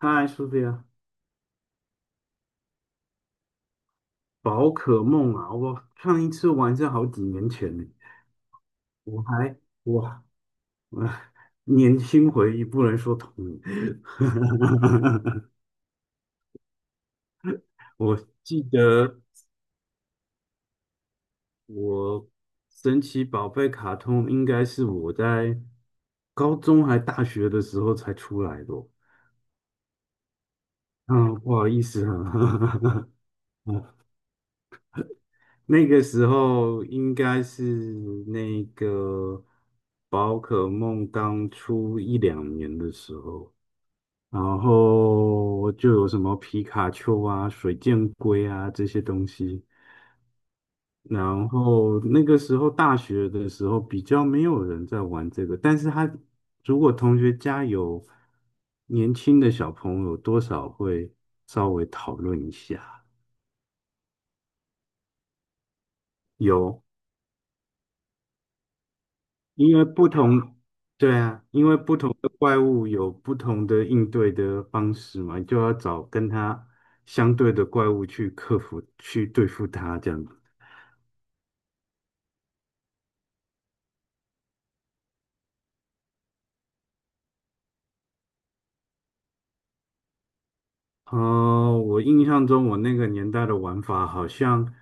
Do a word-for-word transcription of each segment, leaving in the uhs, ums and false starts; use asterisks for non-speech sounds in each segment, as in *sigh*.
嗨，苏菲这个宝可梦啊，我上一次玩是好几年前呢。我还我我 *laughs* 年轻回忆，不能说童年。*laughs* 我记得我神奇宝贝卡通应该是我在高中还大学的时候才出来的哦。嗯，不好意思啊。*laughs* 那个时候应该是那个宝可梦刚出一两年的时候，然后就有什么皮卡丘啊、水箭龟啊这些东西。然后那个时候大学的时候比较没有人在玩这个，但是他如果同学家有年轻的小朋友，多少会稍微讨论一下。有。因为不同，对啊，因为不同的怪物有不同的应对的方式嘛，就要找跟它相对的怪物去克服、去对付它这样子。呃，我印象中我那个年代的玩法好像，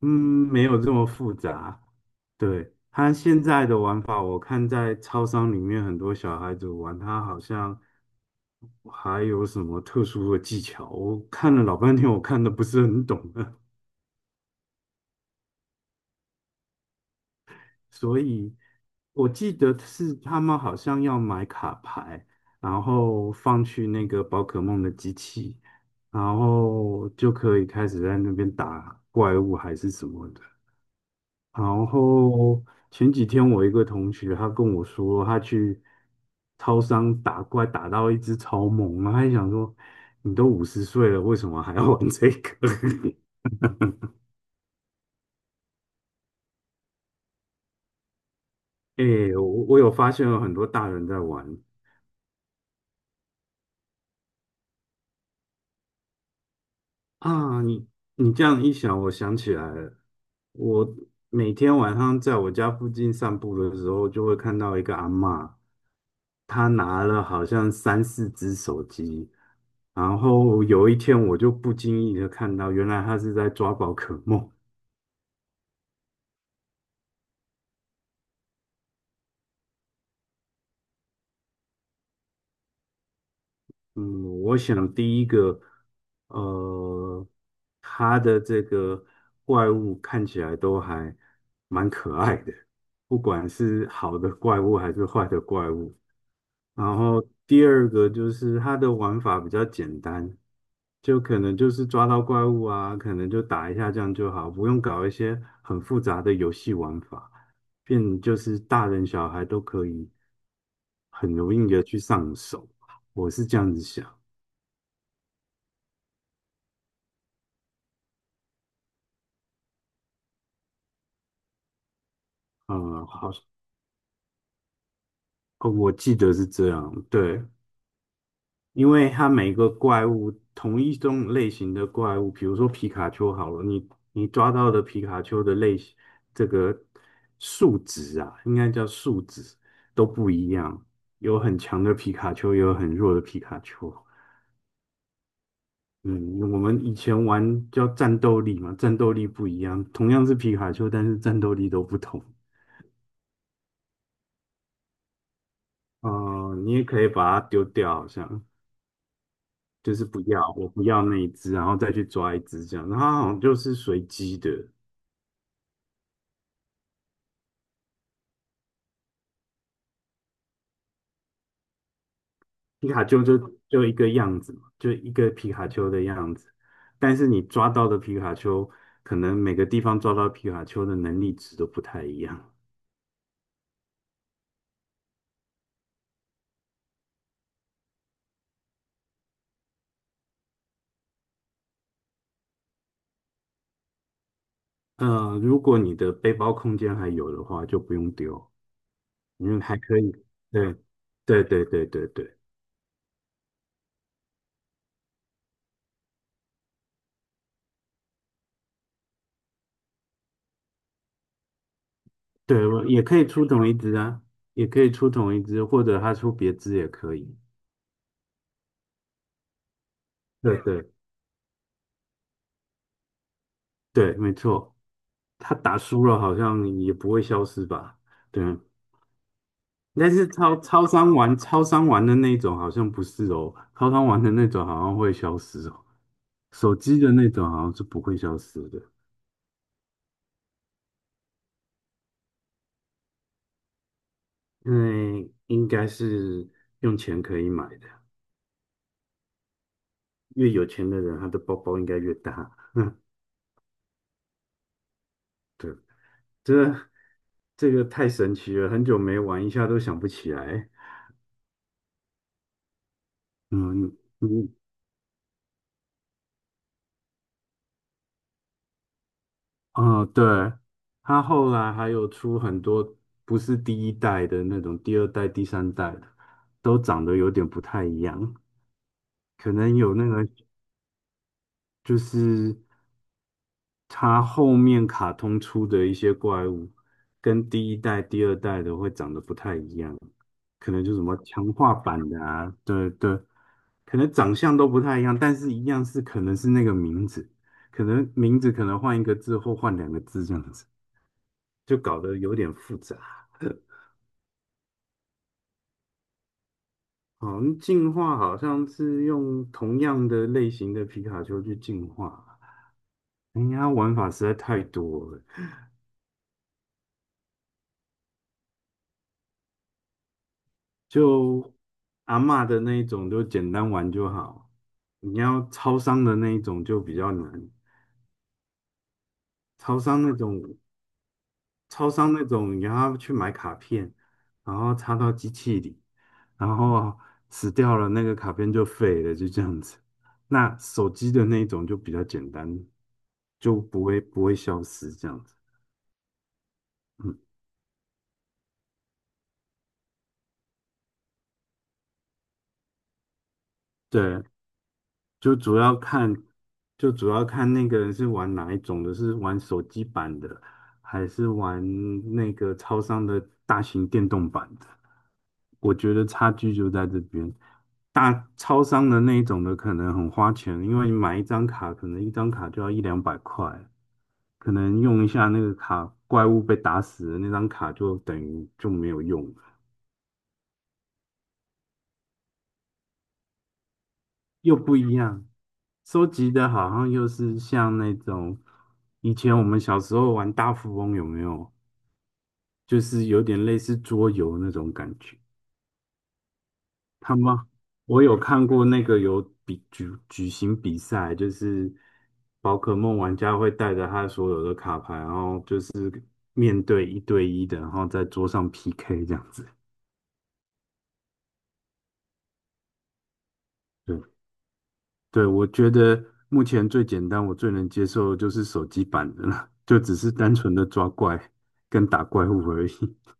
嗯，没有这么复杂。对，他现在的玩法，我看在超商里面很多小孩子玩，他好像还有什么特殊的技巧，我看了老半天，我看的不是很懂。*laughs* 所以我记得是他们好像要买卡牌，然后放去那个宝可梦的机器，然后就可以开始在那边打怪物还是什么的。然后前几天我一个同学他跟我说，他去超商打怪打到一只超猛，然后他还想说，你都五十岁了，为什么还要玩这个？*laughs* 诶，我我有发现有很多大人在玩。啊，你你这样一想，我想起来了。我每天晚上在我家附近散步的时候，就会看到一个阿嬷，她拿了好像三四只手机，然后有一天我就不经意的看到，原来她是在抓宝可梦。嗯，我想第一个，呃，他的这个怪物看起来都还蛮可爱的，不管是好的怪物还是坏的怪物。然后第二个就是它的玩法比较简单，就可能就是抓到怪物啊，可能就打一下这样就好，不用搞一些很复杂的游戏玩法，变就是大人小孩都可以很容易的去上手。我是这样子想。呃，好，哦，我记得是这样，对。因为它每个怪物同一种类型的怪物，比如说皮卡丘好了，你你抓到的皮卡丘的类型，这个数值啊，应该叫数值都不一样，有很强的皮卡丘，也有很弱的皮卡丘。嗯，我们以前玩叫战斗力嘛，战斗力不一样，同样是皮卡丘，但是战斗力都不同。哦、你也可以把它丢掉，好像。就是不要，我不要那一只，然后再去抓一只这样。然后它好像就是随机的，皮卡丘就就一个样子嘛，就一个皮卡丘的样子。但是你抓到的皮卡丘，可能每个地方抓到皮卡丘的能力值都不太一样。呃，如果你的背包空间还有的话，就不用丢，因为还可以。对，对对对对对对，我也可以出同一只啊，也可以出同一只，或者他出别只也可以。对对对，没错。他打输了好像也不会消失吧？对，但是超超商玩超商玩的那种好像不是哦，超商玩的那种好像会消失哦，手机的那种好像是不会消失的，因为应该是用钱可以买的，越有钱的人他的包包应该越大。这这个太神奇了，很久没玩一下都想不起来。嗯，你嗯，对，他后来还有出很多不是第一代的那种，第二代、第三代的都长得有点不太一样，可能有那个就是他后面卡通出的一些怪物，跟第一代、第二代的会长得不太一样，可能就什么强化版的啊，对对。可能长相都不太一样，但是一样是可能是那个名字，可能名字可能换一个字或换两个字这样子。就搞得有点复杂。好像进化好像是用同样的类型的皮卡丘去进化，哎呀，玩法实在太多了。就阿嬷的那一种，就简单玩就好；你要超商的那一种就比较难。超商那种超商那种，你要去买卡片，然后插到机器里，然后死掉了，那个卡片就废了，就这样子。那手机的那一种就比较简单，就不会不会消失这样子。嗯，对，就主要看，就主要看那个人是玩哪一种的，是玩手机版的，还是玩那个超商的大型电动版的？我觉得差距就在这边。大超商的那一种的可能很花钱，因为你买一张卡，可能一张卡就要一两百块，可能用一下那个卡，怪物被打死了，那张卡就等于就没有用。又不一样。收集的好像又是像那种以前我们小时候玩大富翁，有没有？就是有点类似桌游那种感觉。他们我有看过那个有比举举行比赛，就是宝可梦玩家会带着他所有的卡牌，然后就是面对一对一的，然后在桌上 P K 这样子。对。对，我觉得目前最简单，我最能接受的就是手机版的了，*laughs* 就只是单纯的抓怪跟打怪物而已。*laughs*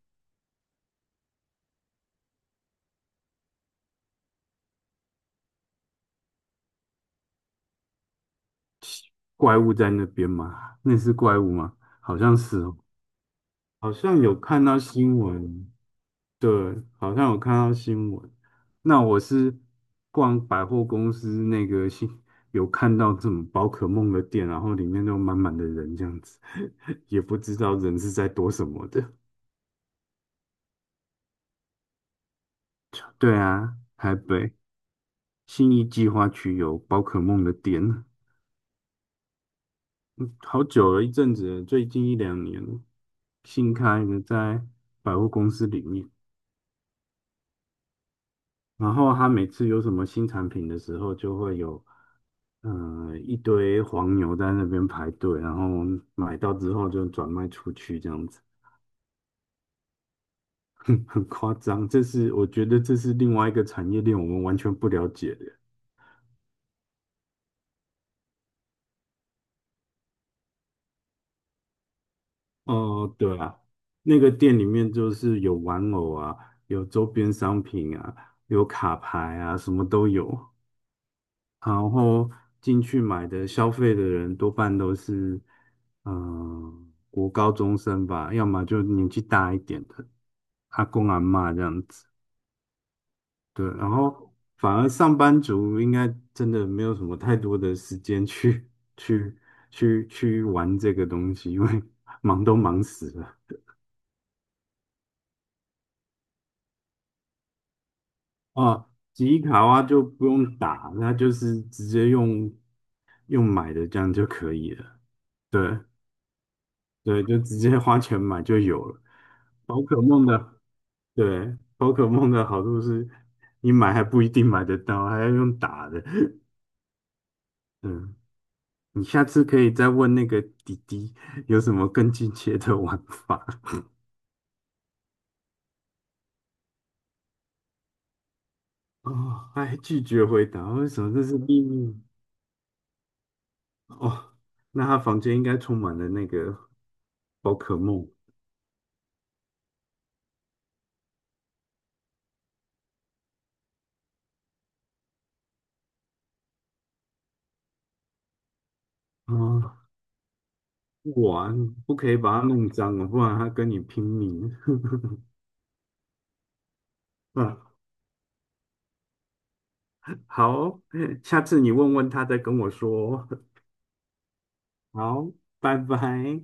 怪物在那边吗？那是怪物吗？好像是哦，好像有看到新闻，对，好像有看到新闻。那我是逛百货公司那个新，有看到这种宝可梦的店，然后里面都满满的人这样子，*laughs* 也不知道人是在躲什么的。*laughs* 对啊，台北。信义计划区有宝可梦的店，好久了，一阵子了，最近一两年了，新开的在百货公司里面。然后他每次有什么新产品的时候，就会有呃一堆黄牛在那边排队，然后买到之后就转卖出去，这样子 *laughs* 很夸张。这是我觉得这是另外一个产业链，我们完全不了解的。哦，对啊，那个店里面就是有玩偶啊，有周边商品啊，有卡牌啊，什么都有。然后进去买的消费的人多半都是，嗯、国高中生吧，要么就年纪大一点的阿公阿嬷这样子。对，然后反而上班族应该真的没有什么太多的时间去 *laughs* 去去去玩这个东西，因为 *laughs* 忙都忙死了。哦，吉卡哇就不用打，那就是直接用用买的这样就可以了。对对，就直接花钱买就有了。宝可梦的，对，宝可梦的好处是，你买还不一定买得到，还要用打的。*laughs* 嗯，你下次可以再问那个弟弟有什么更进阶的玩法。*laughs* 哦，他还拒绝回答，为什么这是秘密？哦，那他房间应该充满了那个宝可梦。哦，哇，不可以把它弄脏了，不然它跟你拼命。*laughs* 嗯，好，下次你问问他再跟我说哦。好，拜拜。